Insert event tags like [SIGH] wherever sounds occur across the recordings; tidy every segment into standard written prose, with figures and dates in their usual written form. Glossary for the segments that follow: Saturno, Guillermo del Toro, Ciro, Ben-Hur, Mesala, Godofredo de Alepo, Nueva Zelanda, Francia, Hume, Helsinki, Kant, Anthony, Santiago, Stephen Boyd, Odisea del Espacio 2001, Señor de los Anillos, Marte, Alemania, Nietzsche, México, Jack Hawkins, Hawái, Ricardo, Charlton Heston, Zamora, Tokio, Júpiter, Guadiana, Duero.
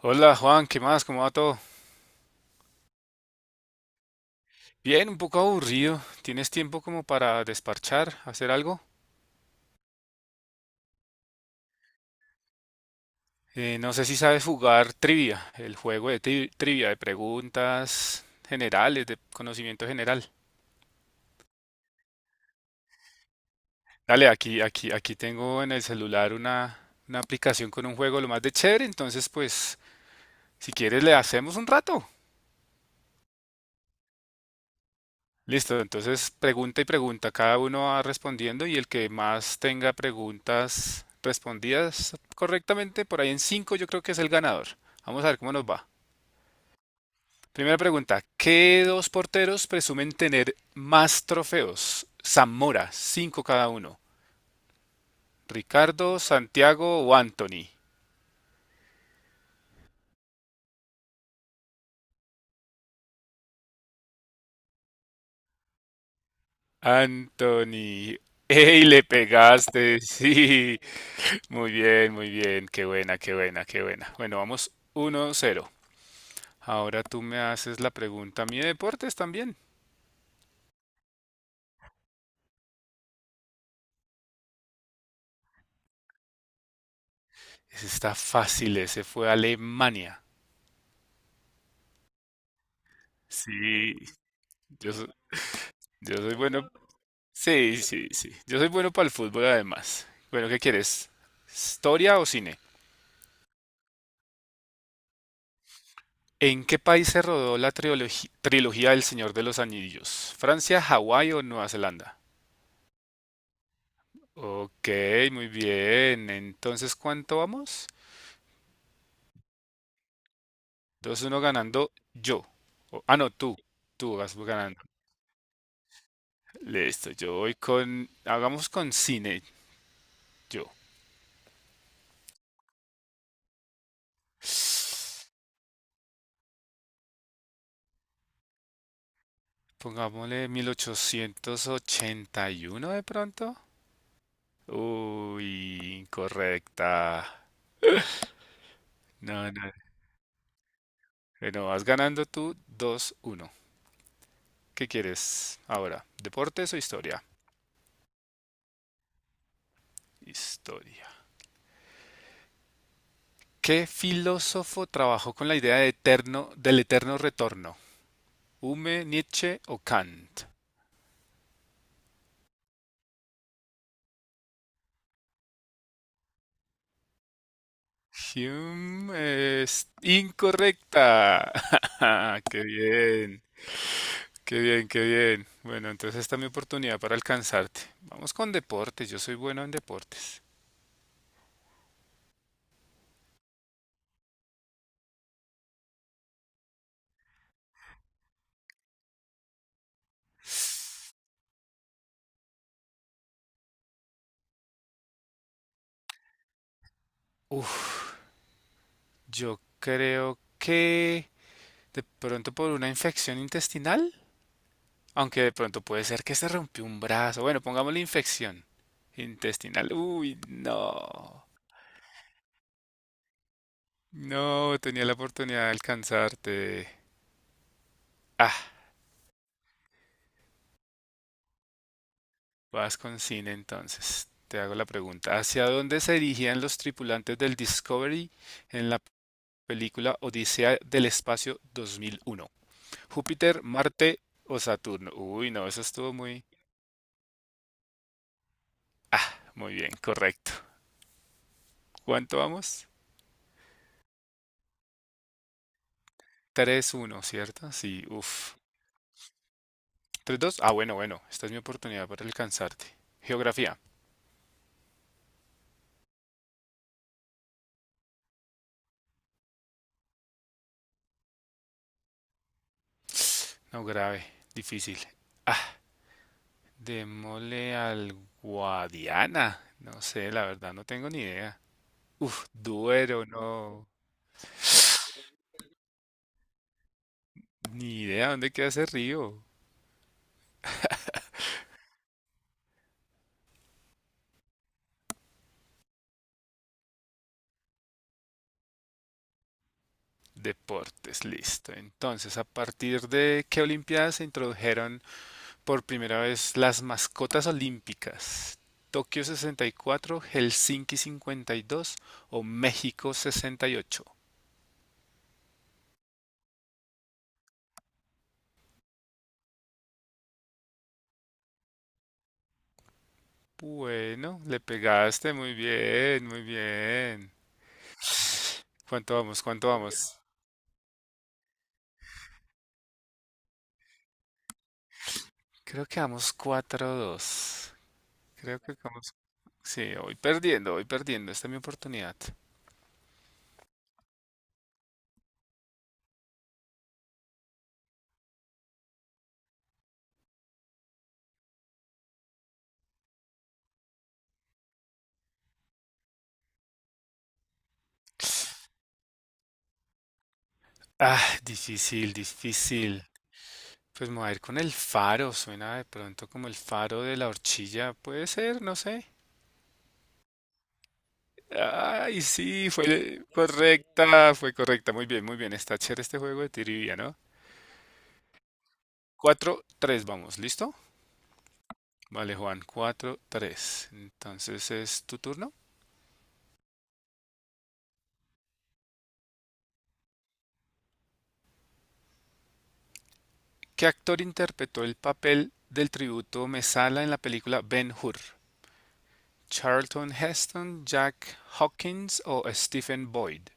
Hola Juan, ¿qué más? ¿Cómo va todo? Bien, un poco aburrido. ¿Tienes tiempo como para desparchar, hacer algo? No sé si sabes jugar trivia, el juego de trivia, de preguntas generales, de conocimiento general. Dale, aquí tengo en el celular una aplicación con un juego lo más de chévere, entonces pues si quieres le hacemos un rato. Listo, entonces pregunta y pregunta, cada uno va respondiendo y el que más tenga preguntas respondidas correctamente, por ahí en cinco yo creo que es el ganador. Vamos a ver cómo nos va. Primera pregunta, ¿qué dos porteros presumen tener más trofeos? Zamora, cinco cada uno. Ricardo, Santiago o Anthony. Anthony. ¡Ey, le pegaste! [LAUGHS] Sí, muy bien, muy bien. Qué buena, qué buena, qué buena. Bueno, vamos 1-0. Ahora tú me haces la pregunta a mí de deportes también. Ese está fácil, ese fue Alemania. Sí, yo, yo soy bueno. Sí, sí, sí. Yo soy bueno para el fútbol además. Bueno, ¿qué quieres? ¿Historia o cine? ¿En qué país se rodó la trilogía del Señor de los Anillos? ¿Francia, Hawái o Nueva Zelanda? Ok, muy bien. Entonces, ¿cuánto vamos? Dos uno ganando yo. Ah, no, tú. Tú vas ganando. Listo, yo voy con. Hagamos con cine, yo. Pongámosle 1881 de pronto. Uy, incorrecta. No, no. Bueno, vas ganando tú. Dos uno. ¿Qué quieres ahora? ¿Deportes o historia? Historia. ¿Qué filósofo trabajó con la idea de eterno, del eterno retorno? ¿Hume, Nietzsche o Kant? Hume es incorrecta. [LAUGHS] Qué bien, qué bien, qué bien. Bueno, entonces esta es mi oportunidad para alcanzarte. Vamos con deportes, yo soy bueno en deportes. Uf, yo creo que de pronto por una infección intestinal, aunque de pronto puede ser que se rompió un brazo. Bueno, pongámosle infección intestinal. Uy, no. No, tenía la oportunidad de alcanzarte. Ah. Vas con cine entonces. Te hago la pregunta. ¿Hacia dónde se dirigían los tripulantes del Discovery en la película Odisea del Espacio 2001? ¿Júpiter, Marte o Saturno? Uy, no, eso estuvo muy... Ah, muy bien, correcto. ¿Cuánto vamos? Tres uno, ¿cierto? Sí, uff. Tres dos. Ah, bueno, bueno. Esta es mi oportunidad para alcanzarte. Geografía. No grave, difícil. Ah, démosle al Guadiana. No sé, la verdad no tengo ni idea. Uf, Duero, no. Ni idea dónde queda ese río. Deportes, listo. Entonces, ¿a partir de qué Olimpiadas se introdujeron por primera vez las mascotas olímpicas? ¿Tokio 64, Helsinki 52 o México 68? Bueno, le pegaste muy bien, muy bien. ¿Cuánto vamos? ¿Cuánto vamos? Creo que vamos cuatro dos. Creo que vamos sí, voy perdiendo, voy perdiendo. Esta es mi oportunidad. Ah, difícil, difícil. Pues me voy a ir con el faro. Suena de pronto como el faro de la horchilla. Puede ser, no sé. Ay, sí, fue correcta, fue correcta. Muy bien, muy bien. Está chévere este juego de trivia, ¿no? Cuatro, tres, vamos, ¿listo? Vale, Juan, cuatro, tres. Entonces es tu turno. ¿Qué actor interpretó el papel del tributo Mesala en la película Ben-Hur? Charlton Heston, Jack Hawkins o Stephen Boyd.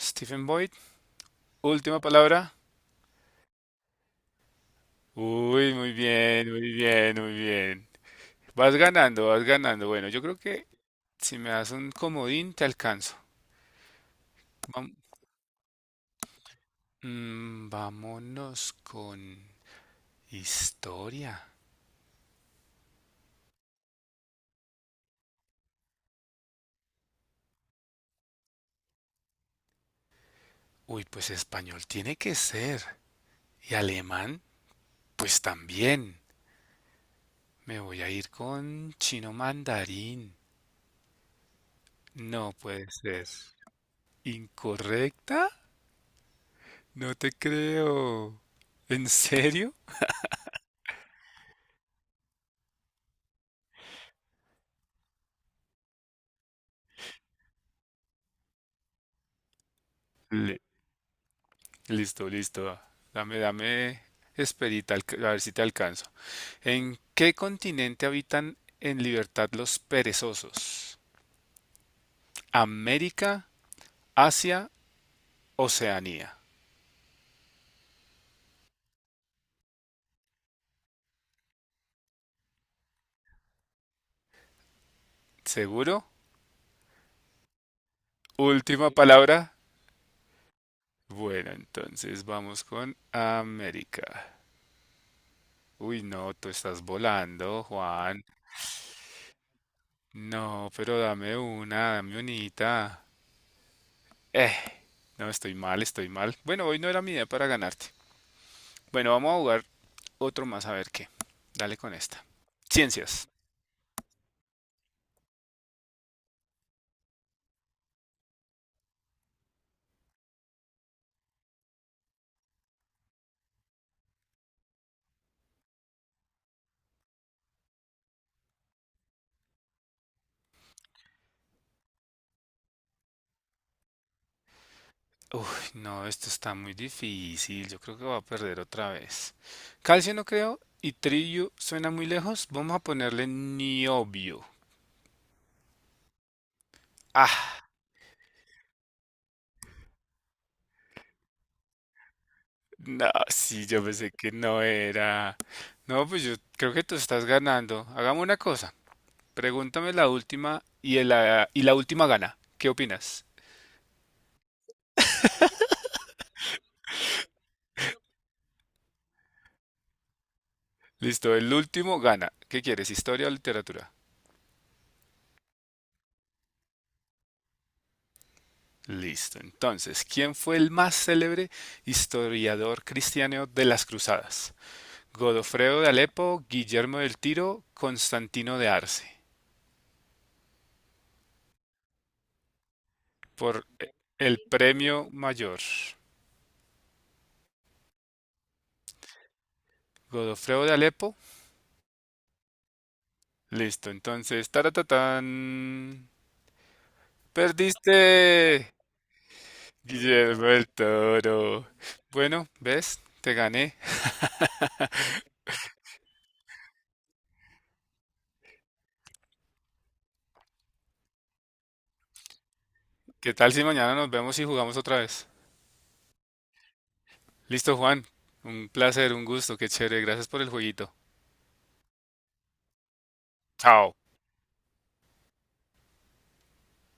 Stephen Boyd, última palabra. Uy, muy bien, muy bien, muy bien. Vas ganando, vas ganando. Bueno, yo creo que si me das un comodín, te alcanzo. Vam- Vámonos con historia. Uy, pues español tiene que ser. Y alemán, pues también. Me voy a ir con chino mandarín. No puede ser. ¿Incorrecta? No te creo. ¿En serio? Le- Listo, listo. Dame esperita, a ver si te alcanzo. ¿En qué continente habitan en libertad los perezosos? ¿América, Asia, Oceanía? ¿Seguro? Última palabra. Bueno, entonces vamos con América. Uy, no, tú estás volando, Juan. No, pero dame una, dame unita. Eh, No, estoy mal, estoy mal. Bueno, hoy no era mi idea para ganarte. Bueno, vamos a jugar otro más a ver qué. Dale con esta. Ciencias. Uy, no, esto está muy difícil. Yo creo que voy a perder otra vez. Calcio no creo y trillo suena muy lejos. Vamos a ponerle niobio. Ah, no, sí, yo pensé que no era. No, pues yo creo que tú estás ganando. Hagamos una cosa. Pregúntame la última y, la última gana. ¿Qué opinas? Listo, el último gana. ¿Qué quieres, historia o literatura? Listo. Entonces, ¿quién fue el más célebre historiador cristiano de las cruzadas? Godofredo de Alepo, Guillermo del Tiro, Constantino de Arce. Por el premio mayor. Godofredo de Alepo. Listo, entonces, taratatán. Perdiste, Guillermo del Toro. Bueno, ¿ves? Te gané. ¿Qué tal si mañana nos vemos y jugamos otra vez? Listo, Juan. Un placer, un gusto, qué chévere. Gracias por el jueguito. Chao.